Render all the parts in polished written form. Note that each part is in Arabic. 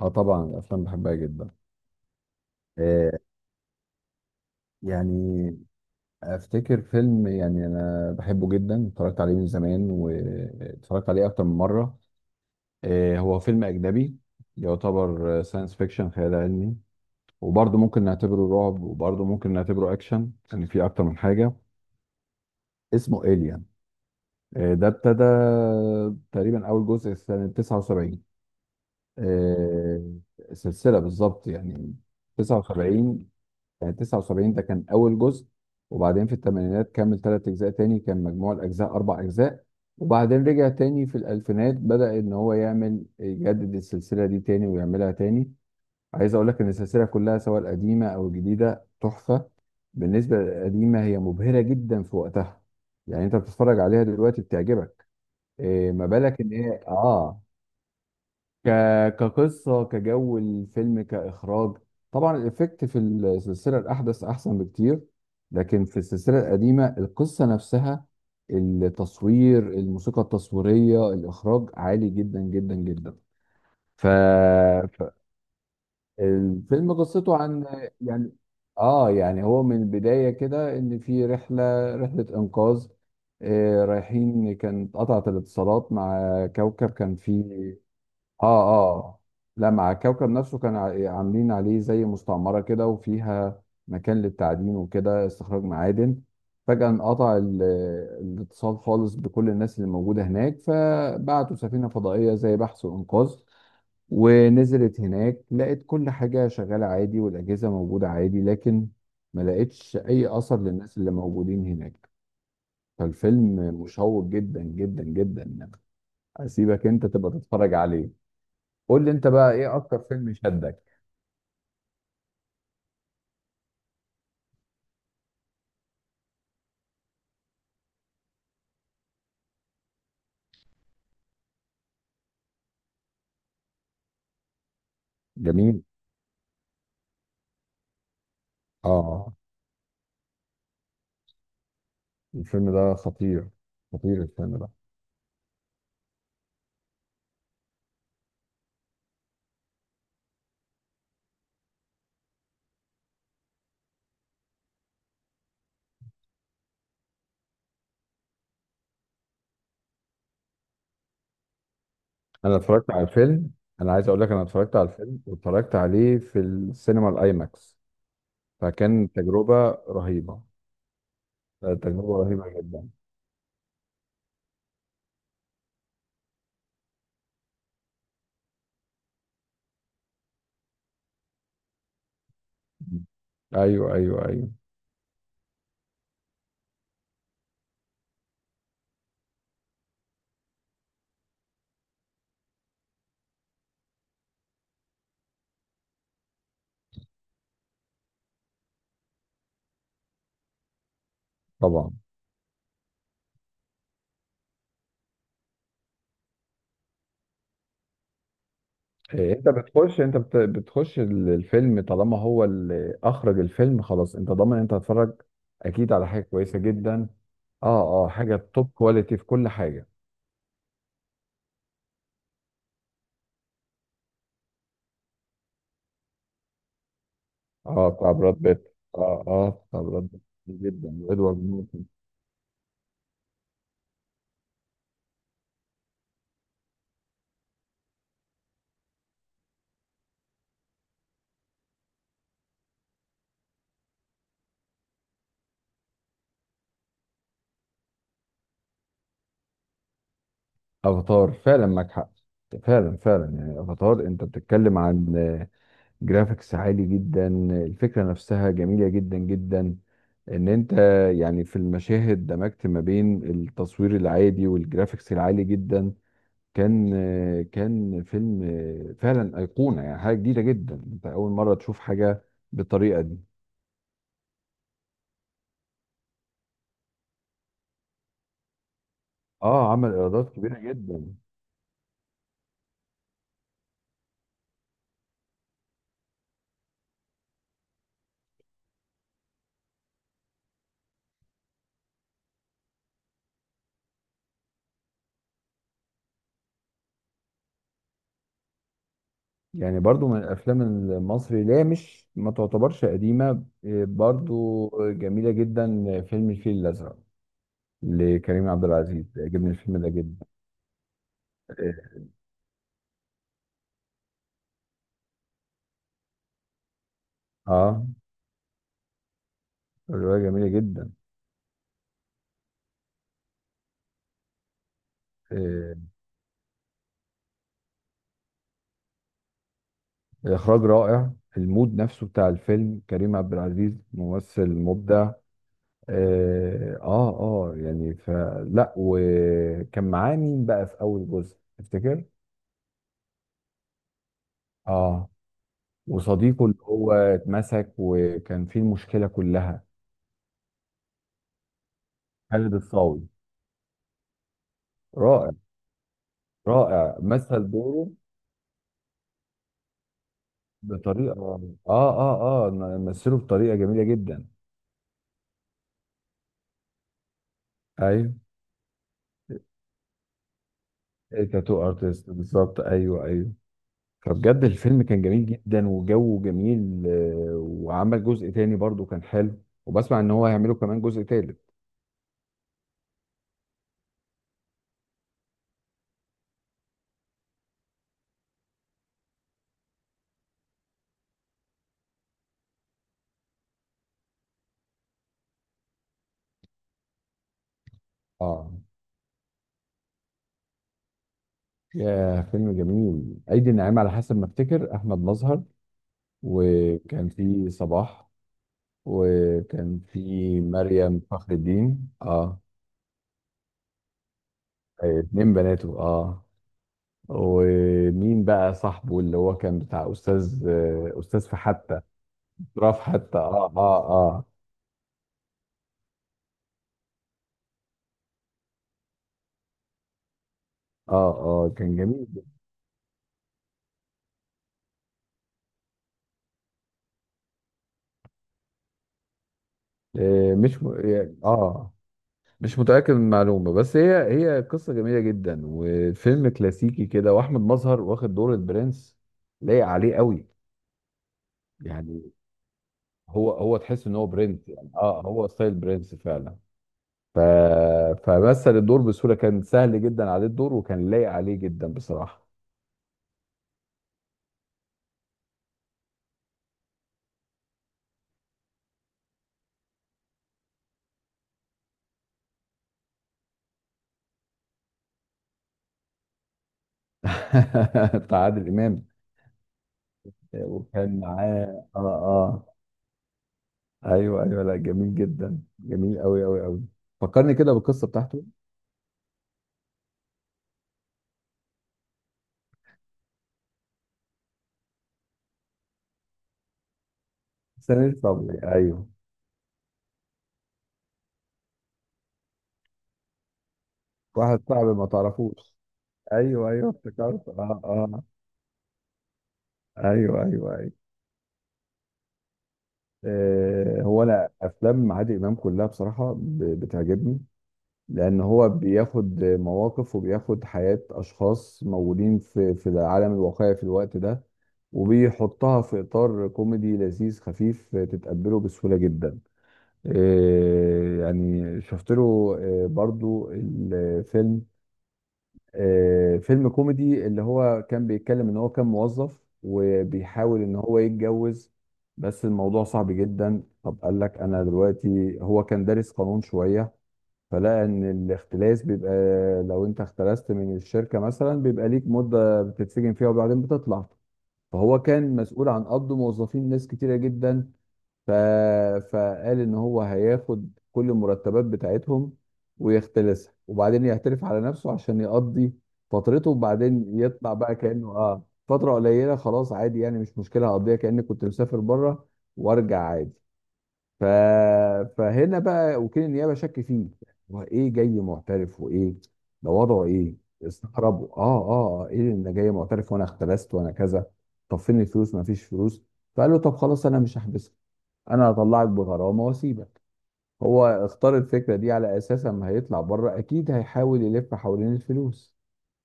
اه، طبعا الافلام بحبها جدا. آه يعني افتكر فيلم، انا بحبه جدا، اتفرجت عليه من زمان واتفرجت عليه اكتر من مره. آه، هو فيلم اجنبي، يعتبر ساينس فيكشن، خيال علمي، وبرضه ممكن نعتبره رعب، وبرضه ممكن نعتبره اكشن، يعني في اكتر من حاجه. اسمه إيليان. آه، ده ابتدى تقريبا اول جزء سنه 79. آه، سلسله بالظبط يعني. 79. يعني 79 ده كان أول جزء. وبعدين في الثمانينات كمل ثلاث أجزاء تاني، كان مجموع الأجزاء أربع أجزاء. وبعدين رجع تاني في الألفينات، بدأ إن هو يعمل يجدد السلسلة دي تاني ويعملها تاني. عايز أقول لك إن السلسلة كلها، سواء القديمة أو الجديدة، تحفة. بالنسبة للقديمة، هي مبهرة جدا في وقتها، يعني أنت بتتفرج عليها دلوقتي بتعجبك، إيه ما بالك إن هي؟ ك... كقصة، كجو الفيلم، كإخراج. طبعا الإفكت في السلسلة الأحدث أحسن بكتير، لكن في السلسلة القديمة القصة نفسها، التصوير، الموسيقى التصويرية، الإخراج عالي جدا جدا جدا. ف... ف... الفيلم قصته عن، يعني هو من البداية كده إن في رحلة إنقاذ. آه، رايحين، كانت قطعت الاتصالات مع كوكب كان فيه. اه، اه، لا، مع الكوكب نفسه، كان عاملين عليه زي مستعمرة كده، وفيها مكان للتعدين وكده، استخراج معادن. فجأة الاتصال خالص بكل الناس اللي موجودة هناك، فبعتوا سفينة فضائية زي بحث وإنقاذ. ونزلت هناك، لقت كل حاجة شغالة عادي، والأجهزة موجودة عادي، لكن ما لقتش أي أثر للناس اللي موجودين هناك. فالفيلم مشوق جدا جدا جدا. أسيبك أنت تبقى تتفرج عليه. قول لي انت بقى ايه اكتر فيلم شدك. جميل. اه، الفيلم ده خطير، خطير الفيلم ده. انا اتفرجت على الفيلم، انا عايز اقول لك انا اتفرجت على الفيلم واتفرجت عليه في السينما الايماكس، فكان تجربة رهيبة. آه، تجربة رهيبة جدا. ايوه، ايوه، ايوه. طبعا. إيه، انت بتخش انت بت- بتخش ال- الفيلم طالما هو اللي اخرج الفيلم، خلاص انت ضامن، انت هتتفرج اكيد على حاجة كويسة جدا. اه، اه، حاجة توب كواليتي في كل حاجة. اه، بتاع براد بيت، اه، اه، بتاع براد بيت، جدا، وادوارد نورتون. افاتار، فعلا معاك حق، فعلا فعلا. يعني افاتار، انت بتتكلم عن، آه، جرافيكس عالي جدا، الفكره نفسها جميله جدا جدا، ان انت، يعني في المشاهد دمجت ما بين التصوير العادي والجرافيكس العالي جدا. كان، آه، كان فيلم، آه، فعلا ايقونه، يعني حاجه جديده جدا، انت اول مره تشوف حاجه بالطريقه دي. اه، عمل ايرادات كبيره جدا. يعني برضو من الافلام المصري اللي هي مش ما تعتبرش قديمه، إيه، برضو جميله جدا، فيلم الفيل الازرق لكريم عبد العزيز، عجبني الفيلم ده جدا. إيه. اه. الروايه جميله جدا. إيه. اخراج رائع، المود نفسه بتاع الفيلم، كريم عبد العزيز ممثل مبدع. اه، اه، آه، يعني فلا. وكان معاه مين بقى في اول جزء تفتكر؟ اه. وصديقه اللي هو اتمسك وكان فيه المشكله كلها. خالد الصاوي. رائع. رائع مثل دوره. بطريقه، اه، اه، اه، مثله بطريقه جميله جدا. ايوه. تاتو ارتست، بالظبط، ايوه، ايوه. فبجد الفيلم كان جميل جدا، وجوه جميل، آه، وعمل جزء تاني برضو كان حلو، وبسمع ان هو هيعملوا كمان جزء تالت. اه. يا فيلم جميل، ايدي الناعمة، على حسب ما افتكر احمد مظهر. وكان في صباح، وكان في مريم فخر الدين. اه. آه، اتنين بناته، اه. ومين بقى صاحبه اللي هو كان بتاع استاذ، استاذ في حتى؟ راف حتى، اه، اه، اه، اه، اه، كان جميل. آه مش م... يعني، اه، مش متاكد من المعلومه، بس هي، هي قصه جميله جدا، وفيلم كلاسيكي كده، واحمد مظهر واخد دور البرنس، لايق عليه قوي. يعني هو تحس ان هو برنس، يعني اه هو ستايل برنس فعلا. ف... فمثل الدور بسهوله، كان سهل جدا عليه الدور، وكان لايق عليه جدا بصراحه. بتاع عادل امام. وكان معاه، اه، اه، ايوه ايوه، لا جميل جدا، جميل قوي قوي قوي. فكرني كده بالقصه بتاعته. سمير صبري، ايوه. واحد صعب ما تعرفوش. ايوه ايوه افتكرت، اه، اه. ايوه، ايوه، ايوه. آه، هو انا افلام عادل امام كلها بصراحه بتعجبني، لان هو بياخد مواقف وبياخد حياة اشخاص موجودين في العالم الواقعي في الوقت ده، وبيحطها في اطار كوميدي لذيذ خفيف، تتقبله بسهولة جدا. إيه، يعني شفت له، إيه، برضو الفيلم، إيه، فيلم كوميدي اللي هو كان بيتكلم ان هو كان موظف وبيحاول ان هو يتجوز، بس الموضوع صعب جدا. طب قال لك انا دلوقتي، هو كان دارس قانون شوية، فلا ان الاختلاس بيبقى، لو انت اختلست من الشركه مثلا بيبقى ليك مده بتتسجن فيها، وبعدين بتطلع. فهو كان مسؤول عن قبض موظفين، ناس كتيره جدا. ف... فقال ان هو هياخد كل المرتبات بتاعتهم ويختلسها، وبعدين يعترف على نفسه عشان يقضي فترته، وبعدين يطلع بقى كانه، اه، فتره قليله خلاص عادي، يعني مش مشكله، هقضيها كاني كنت مسافر بره وارجع عادي. ف... فهنا بقى وكيل النيابه شك فيه، هو ايه جاي معترف، وايه ده وضعه ايه؟ استغربوا، اه، اه، آه، ايه اللي جاي معترف وانا اختلست وانا كذا؟ طب فين الفلوس؟ ما فيش فلوس. فقال له طب خلاص انا مش هحبسك، انا هطلعك بغرامه واسيبك. هو اختار الفكره دي على اساس اما هيطلع بره اكيد هيحاول يلف حوالين الفلوس،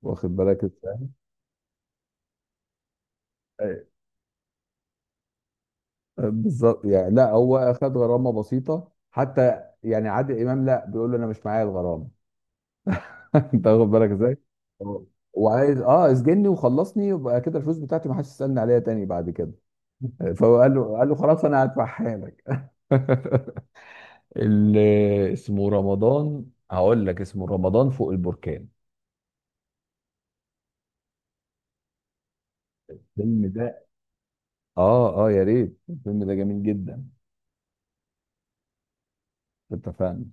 واخد بالك ازاي. أي- بالظبط يعني. لا، هو اخد غرامه بسيطه حتى، يعني عادل امام لا، بيقول له انا مش معايا الغرامه. انت واخد بالك ازاي. اه، وعايز، اه، اسجني وخلصني، يبقى كده الفلوس بتاعتي ما حدش يسالني عليها تاني بعد كده. فهو قال له خلاص انا هدفعها لك. اللي اسمه رمضان، هقول لك اسمه رمضان فوق البركان. الفيلم ده، اه، اه، يا ريت، الفيلم ده جميل جدا. اتفقنا.